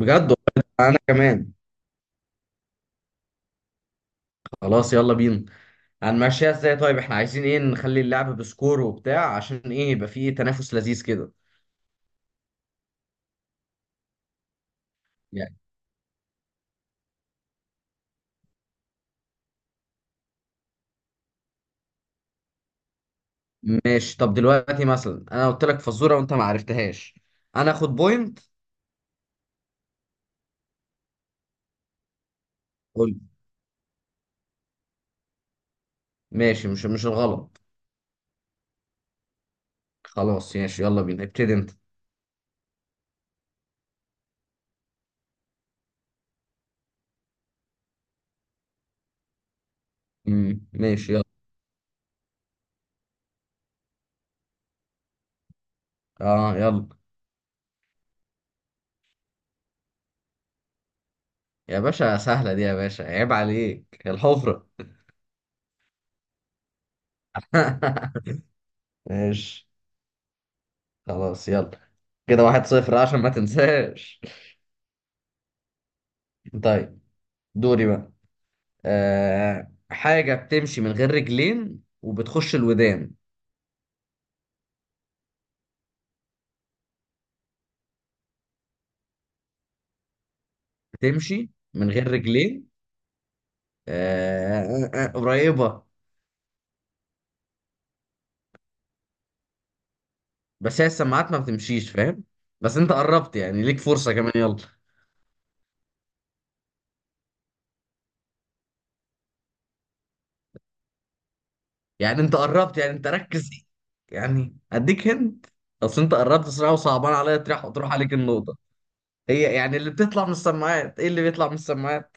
بجد والله انا كمان. خلاص يلا بينا. هنمشيها ازاي؟ طيب احنا عايزين ايه؟ نخلي اللعب بسكور وبتاع عشان ايه؟ يبقى فيه تنافس لذيذ كده يعني. ماشي. طب دلوقتي مثلا انا قلت لك فزوره وانت ما عرفتهاش، انا اخد بوينت؟ قول. ماشي. مش الغلط. خلاص ماشي يلا بينا، ابتدي انت. ماشي يلا. اه يلا. يا باشا سهله دي يا باشا، عيب عليك الحفره. ماشي. خلاص يلا، كده واحد صفر عشان ما تنساش. طيب، دوري بقى. آه، حاجة بتمشي من غير رجلين وبتخش الودان. بتمشي من غير رجلين. آه، آه، آه، قريبة. بس هي السماعات ما بتمشيش، فاهم؟ بس انت قربت يعني، ليك فرصة كمان، يلا. يعني انت قربت، يعني انت ركز. يعني اديك هند. اصل انت قربت بسرعة وصعبان عليا تروح عليك النقطة. هي يعني اللي بتطلع من السماعات، ايه اللي بيطلع من السماعات؟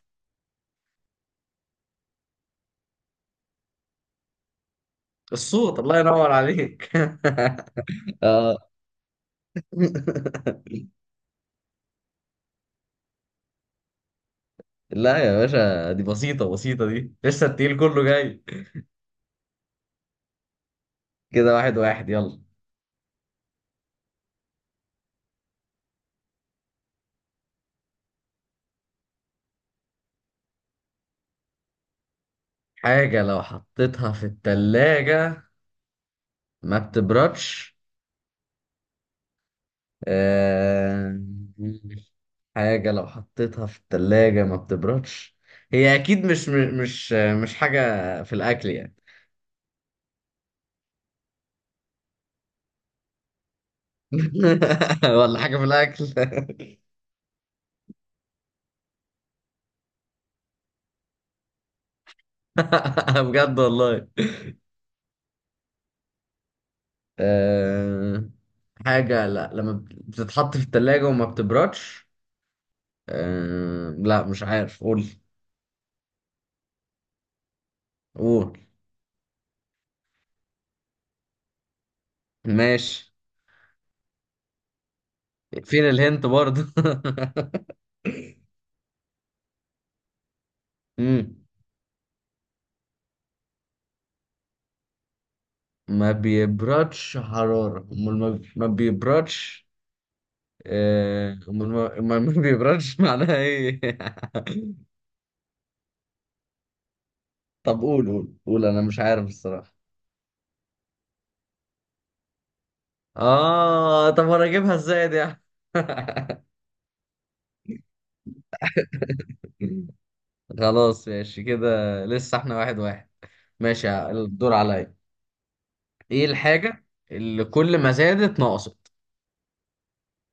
الصوت. الله ينور عليك. اه. لا يا باشا، دي بسيطة بسيطة، دي لسه التقيل كله جاي. كده واحد واحد، يلا. حاجة لو حطيتها في التلاجة ما بتبردش. آه... حاجة لو حطيتها في التلاجة ما بتبردش. هي أكيد مش مش حاجة في الأكل، يعني. ولا حاجة في الأكل. بجد والله. آه... حاجة لا لما بتتحط في التلاجة وما بتبردش. لا مش عارف، قول. قول. ماشي. فين الهنت برضه؟ مم. ما بيبردش حرارة، امال ما بيبردش. آه، امال ما بيبردش معناها ايه؟ طب قول قول قول، انا مش عارف الصراحة. اه طب انا اجيبها ازاي دي يعني؟ خلاص ماشي كده. لسه احنا واحد واحد. ماشي الدور عليا. ايه الحاجة اللي كل ما زادت نقصت؟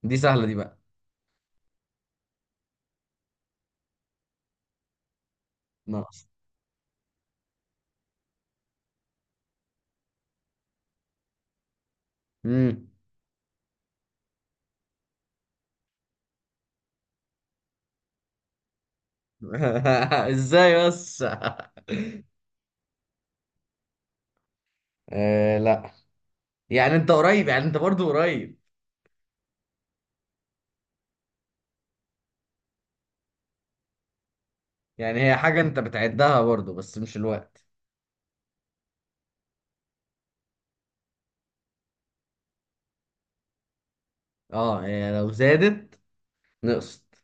دي سهلة دي بقى. نقص. امم. ازاي بس؟ آه لا. يعني انت قريب، يعني انت برضو قريب. يعني هي حاجة انت بتعدها برضو بس مش الوقت. اه، هي لو زادت نقصت.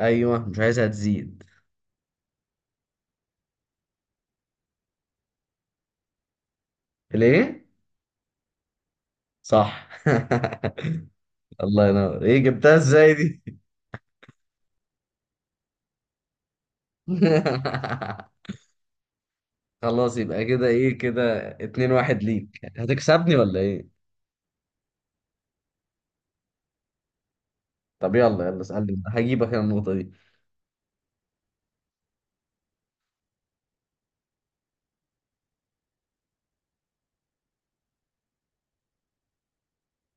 ايوه مش عايزها تزيد. ليه؟ صح. الله ينور، ايه جبتها ازاي دي؟ خلاص يبقى كده ايه، كده اتنين واحد ليك، هتكسبني ولا ايه؟ طب يلا يلا اسألني، هجيبك انا النقطة دي.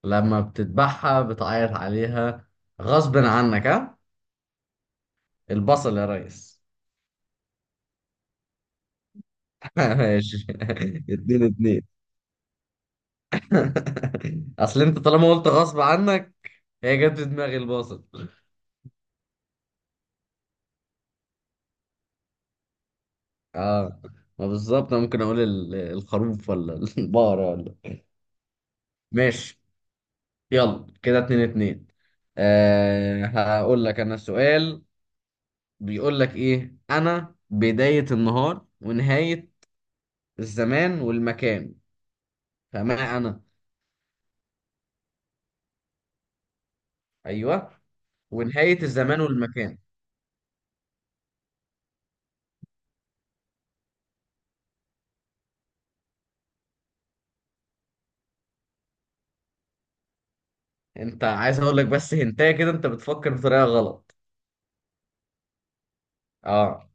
لما بتذبحها بتعيط عليها غصب عنك، ها؟ البصل يا ريس. ماشي اتنين اتنين. اصل انت طالما قلت غصب عنك، هي جت في دماغي البصل. اه ما بالظبط انا ممكن اقول الخروف ولا البقرة ولا. ماشي يلا، كده اتنين اتنين. أه هقول لك انا سؤال. بيقول لك ايه، انا بداية النهار ونهاية الزمان والمكان؟ فما انا. ايوه ونهاية الزمان والمكان. انت عايز اقول لك بس هنتايه كده، انت بتفكر بطريقه غلط. اه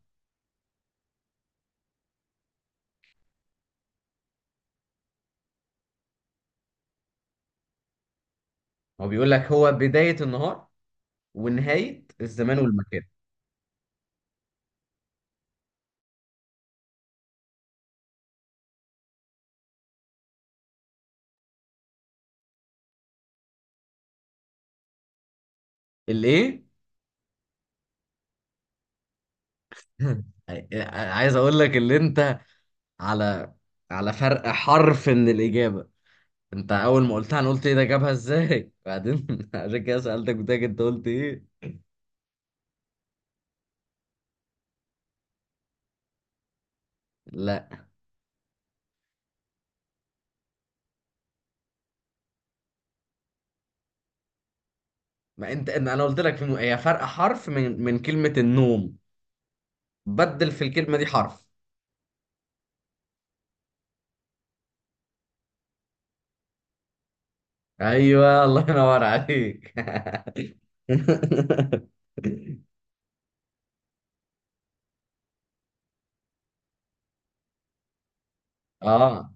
هو بيقول لك هو بدايه النهار ونهايه الزمان والمكان. الايه؟ عايز اقول لك اللي انت، على على فرق حرف من الاجابه. انت اول ما قلتها انا قلت ايه ده جابها ازاي بعدين، عشان كده سالتك بتاعك انت قلت ايه. لا ما انت انا قلت لك في هي فرق حرف من كلمه النوم. بدل في الكلمه دي حرف. ايوه الله ينور عليك. اه.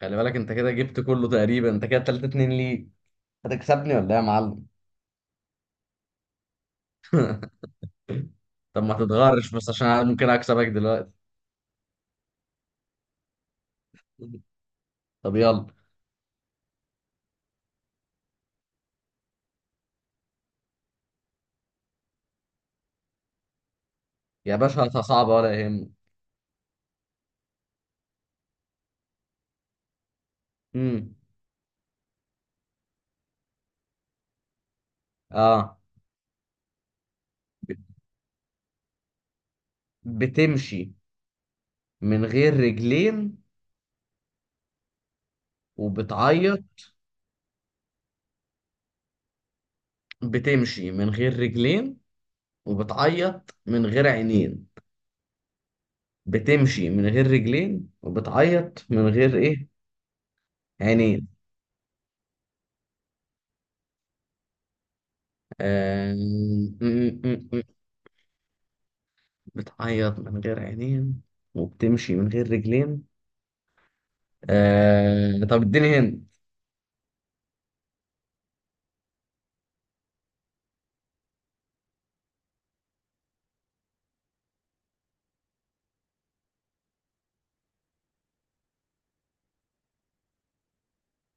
خلي بالك انت كده جبت كله تقريبا، انت كده 3-2 ليك، هتكسبني ولا ايه يا معلم؟ طب ما تتغرش بس عشان انا ممكن اكسبك دلوقتي. طب يلا. يا باشا هاتها صعبة ولا يهمك. امم اه. بتمشي من غير رجلين وبتعيط. بتمشي من غير رجلين وبتعيط من غير عينين. بتمشي من غير رجلين وبتعيط من غير ايه؟ عينين. آه... بتعيط من غير عينين وبتمشي من غير رجلين. آه طب اديني هند.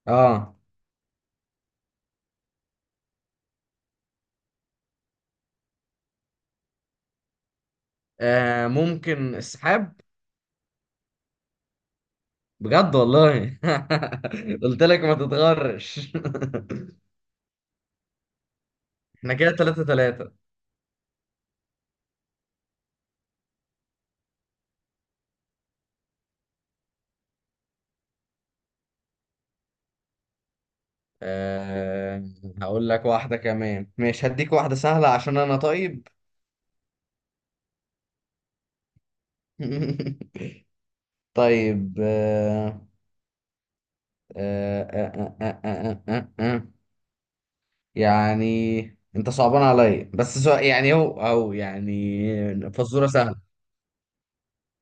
اه، آه ممكن السحاب؟ بجد والله. قلت لك ما تتغرش. احنا كده تلاتة تلاتة. آه هقول لك واحدة كمان، مش هديك واحدة سهلة عشان انا طيب. طيب. آه آه آه آه آه آه آه. يعني انت صعبان عليا، بس سؤال يعني هو او يعني فزوره سهله.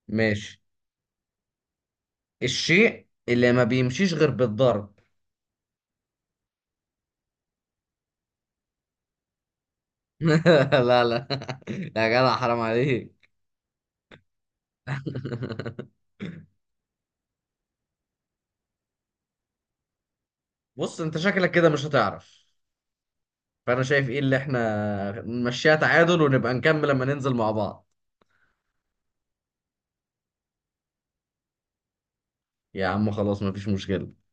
ماشي. الشيء اللي ما بيمشيش غير بالضرب. لا لا يا جدع حرام عليك. بص انت شكلك كده مش هتعرف، فانا شايف ايه اللي احنا نمشيها تعادل ونبقى نكمل لما ننزل مع بعض. يا عم خلاص مفيش مشكله.